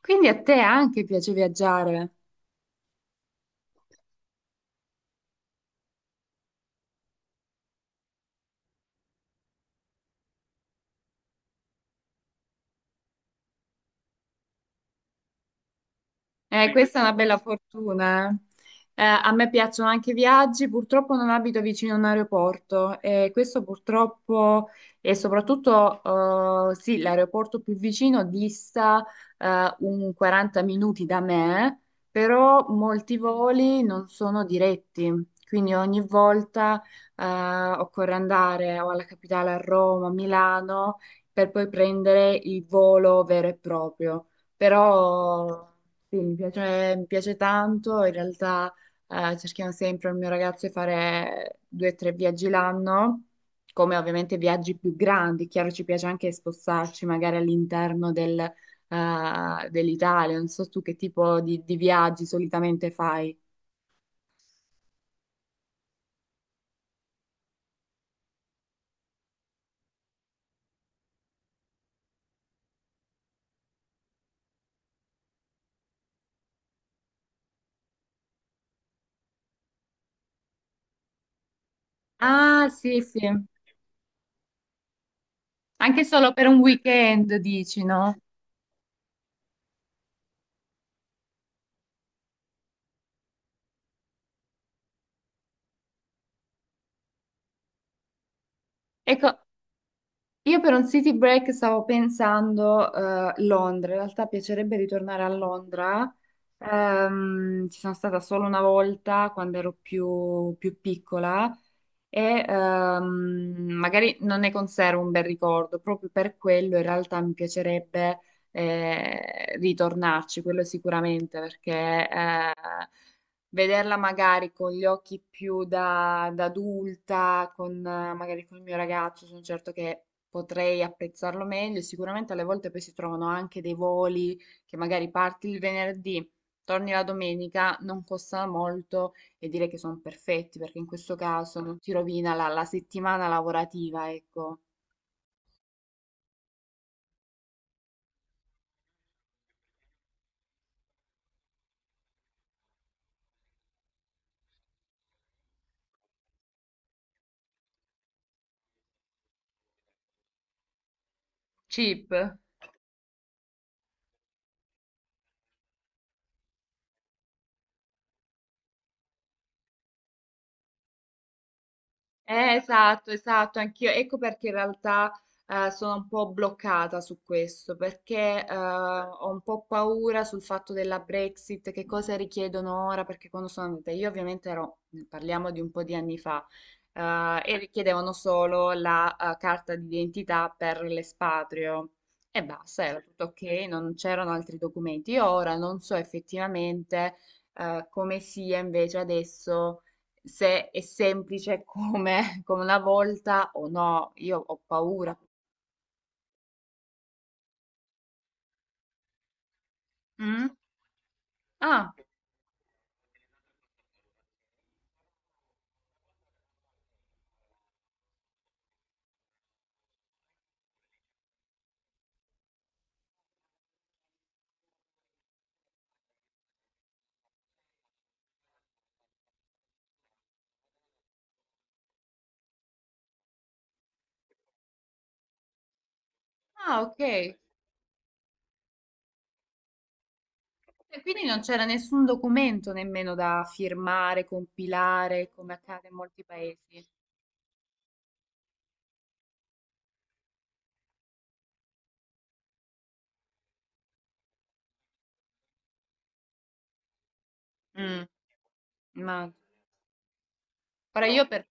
Quindi a te anche piace viaggiare? Questa è una bella fortuna. A me piacciono anche i viaggi, purtroppo non abito vicino a un aeroporto e questo purtroppo e soprattutto sì, l'aeroporto più vicino dista un 40 minuti da me, però molti voli non sono diretti, quindi ogni volta eh, occorre andare o alla capitale, a Roma, a Milano, per poi prendere il volo vero e proprio. Però sì, mi piace tanto, in realtà cerchiamo sempre il mio ragazzo di fare due o tre viaggi l'anno, come ovviamente viaggi più grandi, chiaro ci piace anche spostarci magari all'interno dell'Italia, non so tu che tipo di viaggi solitamente fai. Ah, sì, sì, anche solo per un weekend, dici, no? Ecco, io per un city break stavo pensando Londra, in realtà piacerebbe ritornare a Londra. Ci sono stata solo una volta quando ero più piccola e magari non ne conservo un bel ricordo, proprio per quello in realtà mi piacerebbe ritornarci, quello sicuramente, perché eh, vederla magari con gli occhi più da adulta, con, magari con il mio ragazzo, sono certo che potrei apprezzarlo meglio. Sicuramente alle volte poi si trovano anche dei voli che magari parti il venerdì, torni la domenica, non costano molto e direi che sono perfetti perché in questo caso non ti rovina la settimana lavorativa, ecco. Cheap. Esatto, esatto, anch'io. Ecco perché in realtà sono un po' bloccata su questo, perché ho un po' paura sul fatto della Brexit, che cosa richiedono ora, perché quando sono andata io ovviamente ero, parliamo di un po' di anni fa, e richiedevano solo la carta d'identità per l'espatrio e basta, era tutto ok, non c'erano altri documenti. Io ora non so effettivamente come sia invece adesso, se è semplice come, come una volta o no. Io ho paura. Mm? Ah, ah, ok. E quindi non c'era nessun documento nemmeno da firmare, compilare, come accade in molti paesi. Mm, immagino. Ora io per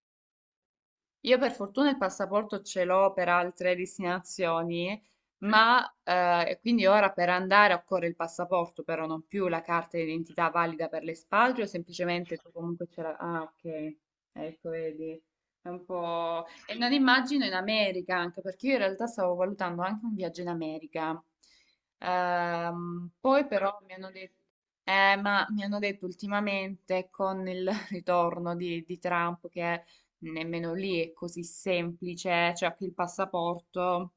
Io per fortuna il passaporto ce l'ho per altre destinazioni, ma quindi ora per andare occorre il passaporto, però non più la carta d'identità valida per l'espatrio, semplicemente tu comunque ce la. Ah, ok, ecco, vedi. È un po'. E non immagino in America anche, perché io in realtà stavo valutando anche un viaggio in America. Poi però mi hanno detto. Ma mi hanno detto ultimamente con il ritorno di Trump che nemmeno lì è così semplice, c'è anche il passaporto,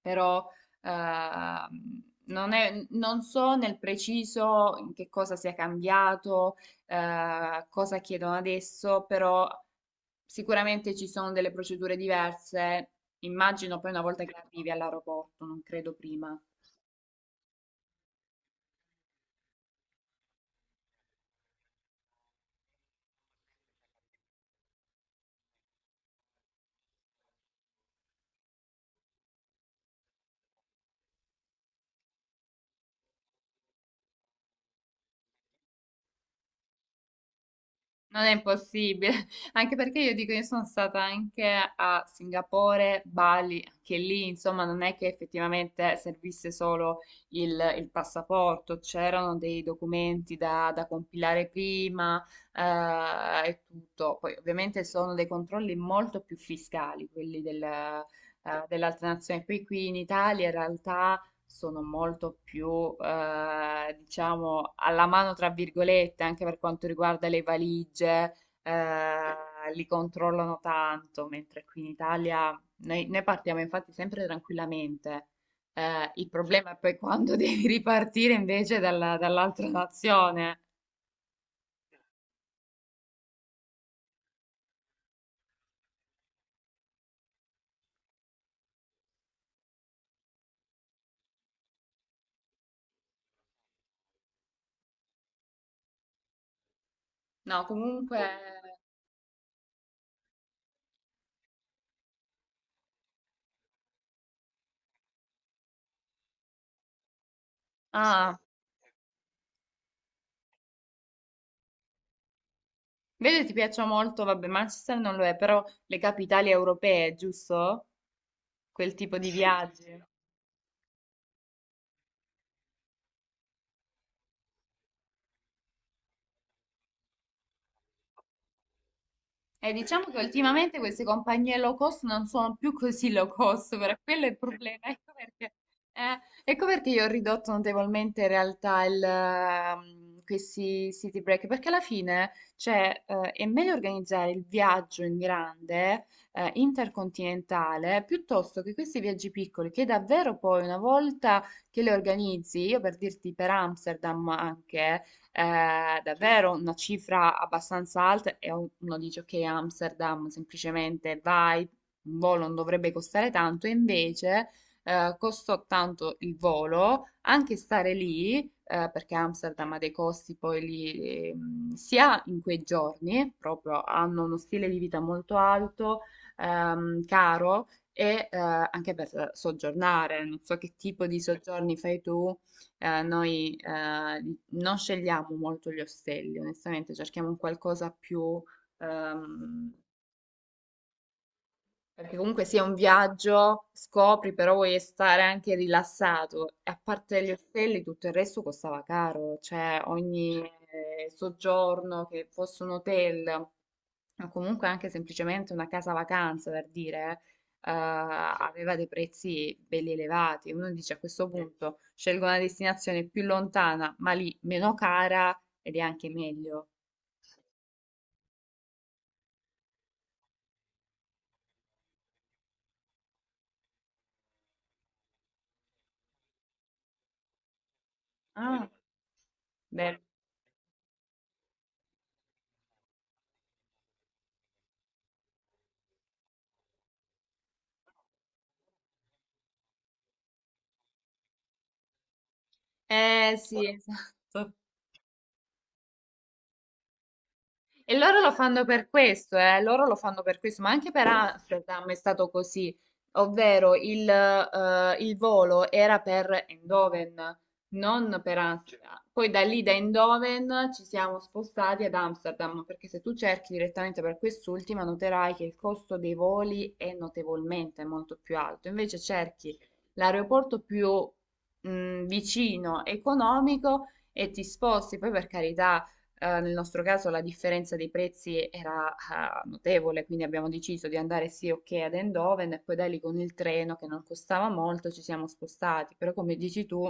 però non so nel preciso in che cosa sia cambiato, cosa chiedono adesso, però sicuramente ci sono delle procedure diverse. Immagino poi una volta che arrivi all'aeroporto, non credo prima. Non è impossibile, anche perché io dico, io sono stata anche a Singapore, Bali, anche lì, insomma, non è che effettivamente servisse solo il, il passaporto, c'erano dei documenti da compilare prima, e tutto. Poi ovviamente sono dei controlli molto più fiscali, quelli dell'altra nazione. Qui in Italia in realtà sono molto più, diciamo, "alla mano" tra virgolette, anche per quanto riguarda le valigie, ehm, li controllano tanto, mentre qui in Italia noi partiamo infatti sempre tranquillamente. Il problema è poi quando devi ripartire invece dall'altra nazione. No, comunque. Ah, vedi, ti piacciono molto, vabbè, Manchester non lo è, però le capitali europee, giusto? Quel tipo di viaggi. E diciamo che ultimamente queste compagnie low cost non sono più così low cost, per quello è il problema. Eh, ecco perché io ho ridotto notevolmente in realtà questi city break, perché alla fine, cioè, è meglio organizzare il viaggio in grande, intercontinentale, piuttosto che questi viaggi piccoli, che davvero poi una volta che li organizzi, io per dirti per Amsterdam anche davvero una cifra abbastanza alta e uno dice ok, Amsterdam semplicemente vai, un volo non dovrebbe costare tanto, e invece costò tanto il volo, anche stare lì, perché Amsterdam ha dei costi poi lì, sia in quei giorni, proprio hanno uno stile di vita molto alto, caro, e anche per soggiornare, non so che tipo di soggiorni fai tu, noi non scegliamo molto gli ostelli, onestamente cerchiamo un qualcosa più ehm, perché comunque sia un viaggio, scopri, però vuoi stare anche rilassato. E a parte gli ostelli, tutto il resto costava caro, cioè ogni soggiorno, che fosse un hotel, o comunque anche semplicemente una casa vacanza, per dire, aveva dei prezzi belli elevati. Uno dice a questo punto scelgo una destinazione più lontana, ma lì meno cara ed è anche meglio. Ah, beh. Eh sì, esatto. E loro lo fanno per questo, ma anche per Amsterdam è stato così, ovvero il volo era per Eindhoven, non per Amsterdam. Poi da lì da Eindhoven ci siamo spostati ad Amsterdam, perché se tu cerchi direttamente per quest'ultima noterai che il costo dei voli è notevolmente molto più alto, invece cerchi l'aeroporto più vicino, economico e ti sposti, poi per carità nel nostro caso la differenza dei prezzi era notevole, quindi abbiamo deciso di andare sì ok ad Eindhoven e poi da lì con il treno che non costava molto ci siamo spostati, però come dici tu,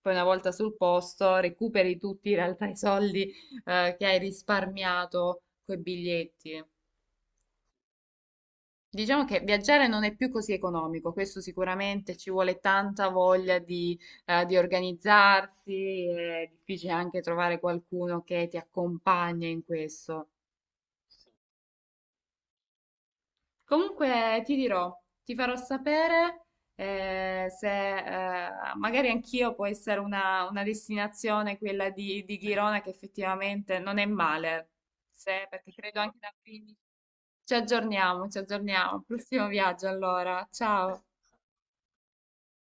poi una volta sul posto recuperi tutti in realtà i soldi che hai risparmiato coi biglietti. Diciamo che viaggiare non è più così economico, questo sicuramente ci vuole tanta voglia di organizzarsi, è difficile anche trovare qualcuno che ti accompagna in questo. Comunque ti dirò, ti farò sapere se eh, magari anch'io può essere una destinazione, quella di Girona che effettivamente non è male, se, perché credo anche da Brindisi. Ci aggiorniamo, ci aggiorniamo. Prossimo viaggio allora, ciao.